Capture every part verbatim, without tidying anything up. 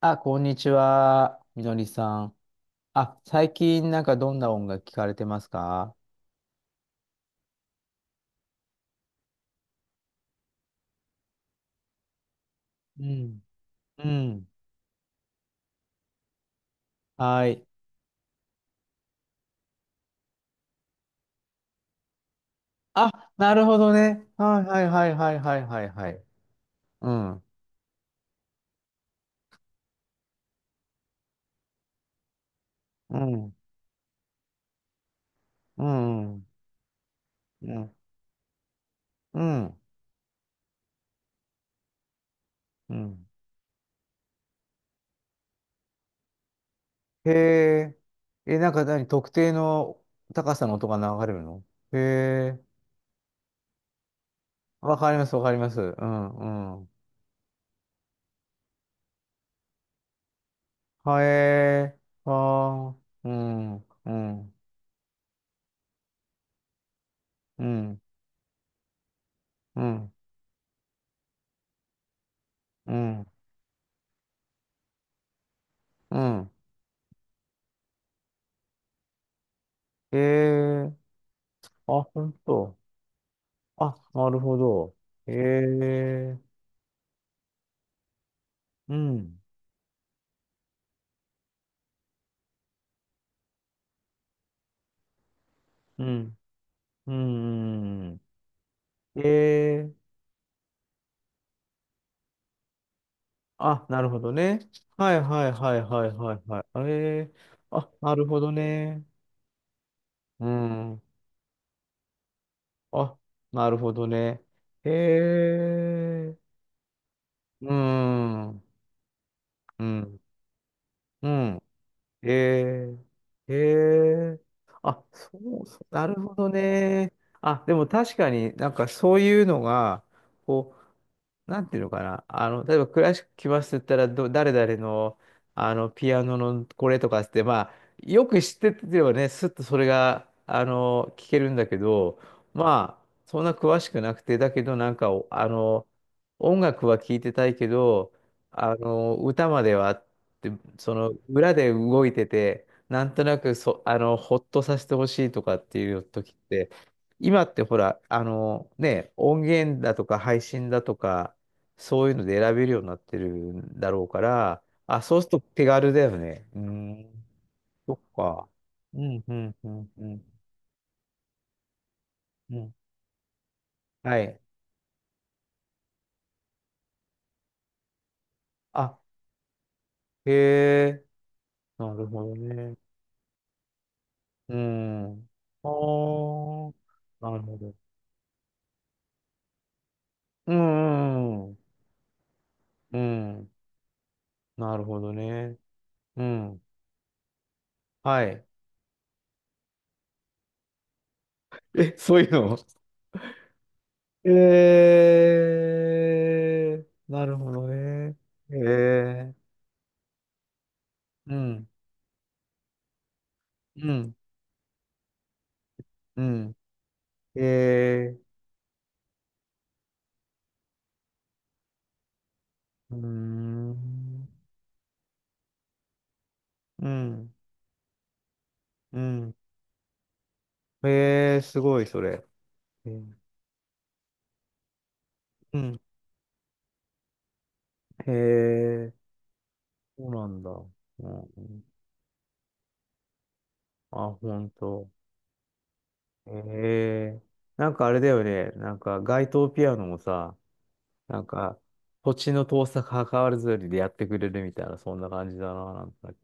あ、こんにちは、みのりさん。あ、最近なんかどんな音楽聞かれてますか？うん。うん。はい。あ、なるほどね。はいはいはいはいはいはいはい。うん。うん。うん。うん。うん。うん。へえ。え、なんか何特定の高さの音が流れるの？へえ。わかりますわかります。うんうん。はえー。はー。うん。うん。うん。うん。うん。うん。ええ。あ、本当。あ、なるほど。ええ。うん、うん、うん。うん。ええ。あ、なるほどね。はいはいはいはいはいはい。ええ。あ、なるほどね。うん。あ、なるほどね。ええ。うん、うん、うん。ええ、ええ、あ、そうそう、なるほどね。あ、でも確かになんかそういうのが、こ、なんていうのかな。あの、例えばクラシック来ますって言ったら、ど、誰々の、あの、ピアノのこれとかっつって、まあ、よく知っててればね、すっとそれが、あの、聞けるんだけど、まあ、そんな詳しくなくて、だけどなんか、おあの、音楽は聞いてたいけど、あの、歌まではって、その、裏で動いてて、なんとなくそ、あの、ほっとさせてほしいとかっていう時って、今ってほら、あのね、音源だとか配信だとか、そういうので選べるようになってるんだろうから、あ、そうすると手軽だよね。うーん、そっか。うん、うん、うん、うん、うん。はい。あ、へえ、なるほどね。うん。あー、なるほど。うん、うん、うん。うん。なるほどね。うん。はい。え、そういうの？えー、なるほどね。えー、うん、うん、うん。えー、うーん、うん、うん。えー、すごい、それ。えー、うん。えー、そうなんだ。うん、あ、ほんと。えー、なんかあれだよね。なんか、街頭ピアノもさ、なんか、土地の遠さ関わらずでやってくれるみたいな、そんな感じだな、なんか。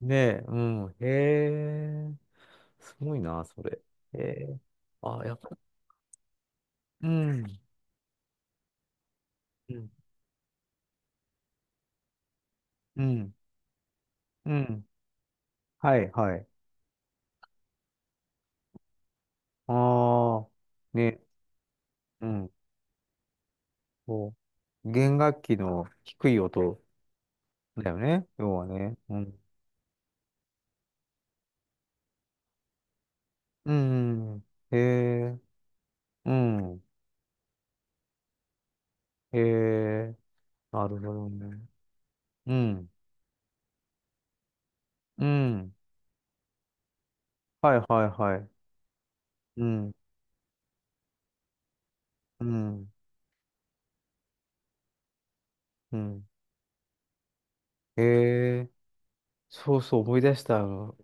ねえ、うん。へえ、すごいな、それ。へえ、あ、やっぱ、うん、うん、うん、うん。はい、はい。ああ、ね、うん。そう。弦楽器の低い音だよね、要はね。うん。うん。うん。へえ、うん。へえ、なるほどね。うん。うん。はいはいはい。うん。うん。うん。へえ、そうそう、思い出した。あの、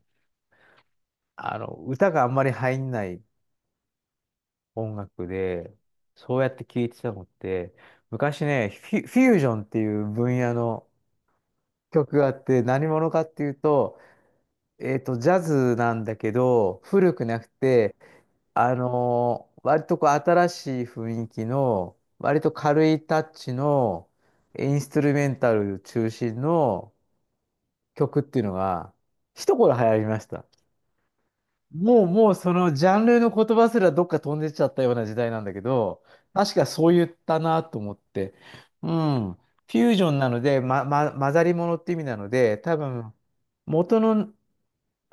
あの歌があんまり入んない音楽で、そうやって聴いてたのって、昔ね、フィ、フュージョンっていう分野の、曲があって、何者かっていうと、えっと、ジャズなんだけど、古くなくて、あのー割とこう新しい雰囲気の、割と軽いタッチの、インストゥルメンタル中心の曲っていうのが、一頃流行りました。もう、もうそのジャンルの言葉すらどっか飛んでっちゃったような時代なんだけど、確かそう言ったなと思って。うん。フュージョンなので、ま、ま、混ざり物って意味なので、多分、元の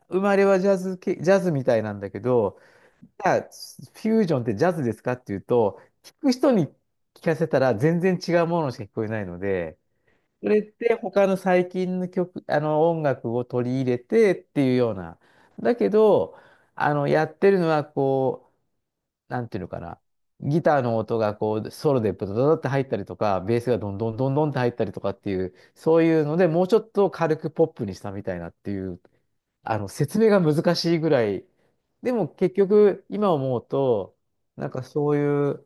生まれはジャズ系、ジャズみたいなんだけど、じゃあ、フュージョンってジャズですかっていうと、聞く人に聞かせたら全然違うものしか聞こえないので、それって他の最近の曲、あの音楽を取り入れてっていうような。だけど、あの、やってるのはこう、なんていうのかな。ギターの音がこう、ソロでブドドドって入ったりとか、ベースがどんどんどんどんって入ったりとかっていう、そういうので、もうちょっと軽くポップにしたみたいなっていう。あの、説明が難しいぐらい。でも結局、今思うと、なんかそういう、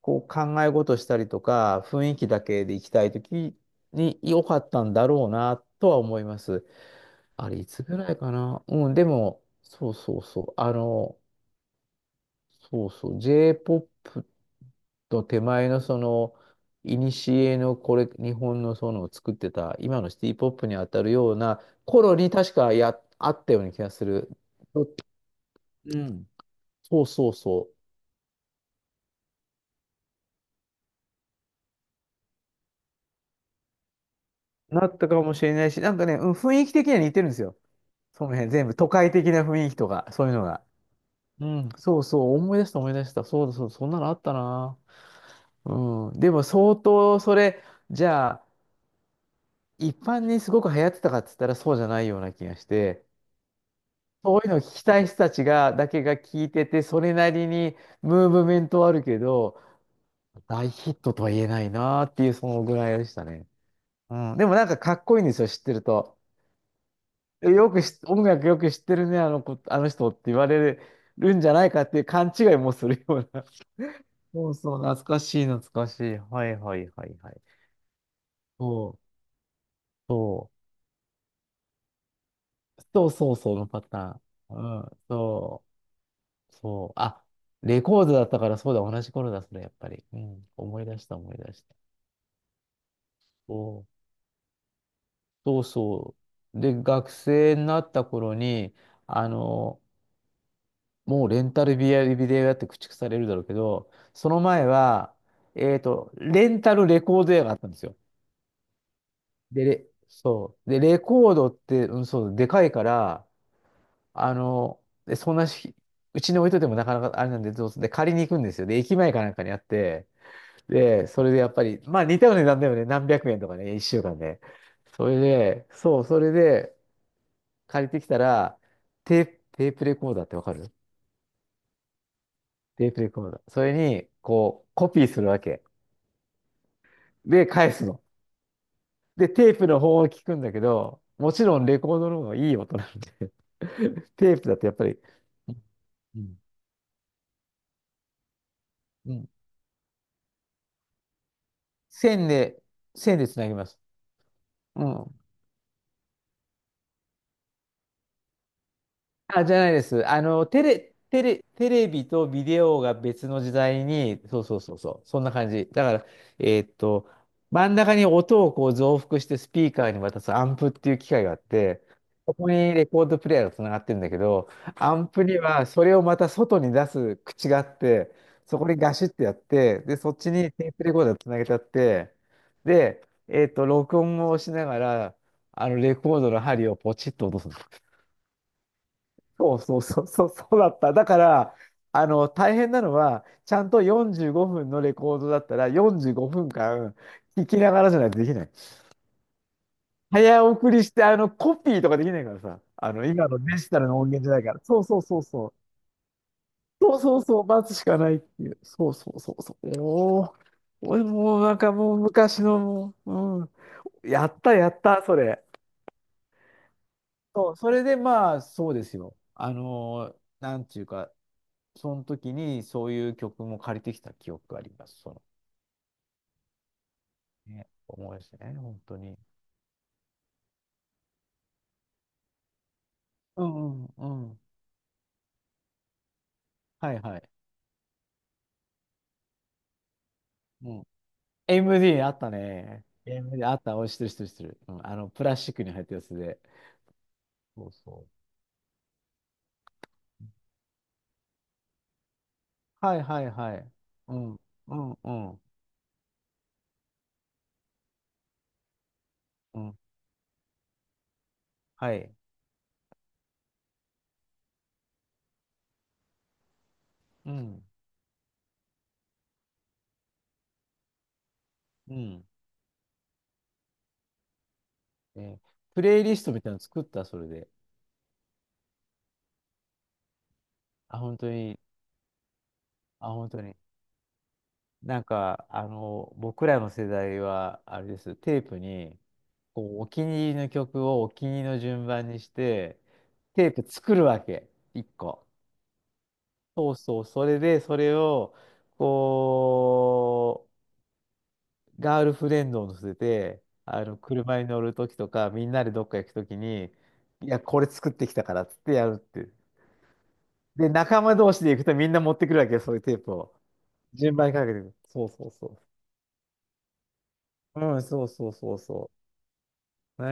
こう考え事したりとか、雰囲気だけで行きたいときに良かったんだろうな、とは思います。あれ、いつぐらいかな。うん、でも、そうそうそう。あの、そうそう。J-ポップ と手前のその、いにしえのこれ、日本のその作ってた、今のシティポップに当たるような頃に確かや、あったような気がする。と、うん。そうそうそう。なったかもしれないし、なんかね、うん、雰囲気的には似てるんですよ。その辺全部都会的な雰囲気とか、そういうのが。うん、そうそう、思い出した思い出した。そうだそうだ、そんなのあったな。うん、でも相当それ、じゃあ、一般にすごく流行ってたかっつったらそうじゃないような気がして、そういうのを聞きたい人たちが、だけが聞いてて、それなりにムーブメントはあるけど、大ヒットとは言えないなっていう、そのぐらいでしたね。うん、でもなんかかっこいいんですよ、知ってると。えよくし、音楽よく知ってるね、あの子、あの人って言われるんじゃないかっていう勘違いもするような。そうそう、懐かしい、懐かしい。はいはいはいはい。そう、そう、そうそうそうのパターン。うん、そう、そう。あ、レコードだったからそうだ、同じ頃だ、それ、やっぱり。うん、思い出した、思い出した。そう、そうそう。で、学生になった頃に、あの、もうレンタルビデオ屋って駆逐されるだろうけど、その前は、えっと、レンタルレコード屋があったんですよ。で、レ、そう。で、レコードって、うん、そう、でかいから、あの、で、そんなし、うちに置いといてもなかなかあれなんで、どうすで、借りに行くんですよ。で、駅前かなんかにあって、で、それでやっぱり、まあ似たような値段だよね。何百円とかね、一週間で。それで、そう、それで借りてきたら、テープ、テープレコーダーってわかる？テープレコーダー。それに、こう、コピーするわけ。で、返すの。で、テープの方を聞くんだけど、もちろんレコードの方がいい音なんで テープだとやっぱり、うん、うん。線で、線でつなぎます。うん。あ、じゃないです。あの、テレ、テレ、テレビとビデオが別の時代に、そうそうそうそう、そんな感じ。だから、えーっと、真ん中に音をこう増幅してスピーカーに渡すアンプっていう機械があって、そこにレコードプレイヤーがつながってるんだけど、アンプにはそれをまた外に出す口があって、そこにガシッてやって、で、そっちにテープレコーダーつなげちゃって、で、えーっと、録音をしながら、あの、レコードの針をポチッと落とすの。そうそうそうそう、そうだった。だから、あの、大変なのは、ちゃんとよんじゅうごふんのレコードだったら、よんじゅうごふんかん聞きながらじゃないとできない。早送りして、あの、コピーとかできないからさ、あの、今のデジタルの音源じゃないから。そうそうそうそう。そうそうそう、待つしかないっていう。そうそうそうそう。おー、俺もうなんかもう昔のもう、うん。やったやった、それ。そう、それでまあ、そうですよ。あのーなんていうか、その時にそういう曲も借りてきた記憶があります。その、ね、思い出してね、本当に。うんうんうん。はいはい。うん。エムディー あったね。エムディー あった。おい、知ってる知ってる知ってる。うん。あの、プラスチックに入ったやつで。そうそう。はいはいはい。うん。うんうんうん。はい。うん。うん。えー、プレイリストみたいなの作った、それで。あ、本当に。あ、本当に。なんか、あの、僕らの世代は、あれです、テープに、こう、お気に入りの曲をお気に入りの順番にして、テープ作るわけ、一個。そうそう、それで、それを、こう、ガールフレンドを乗せて、あの、車に乗るときとか、みんなでどっか行くときに、いや、これ作ってきたからっつってやるって。で、仲間同士で行くとみんな持ってくるわけよ、そういうテープを。順番にかけてくる。そうそうそう。うん、そうそうそうそう。ね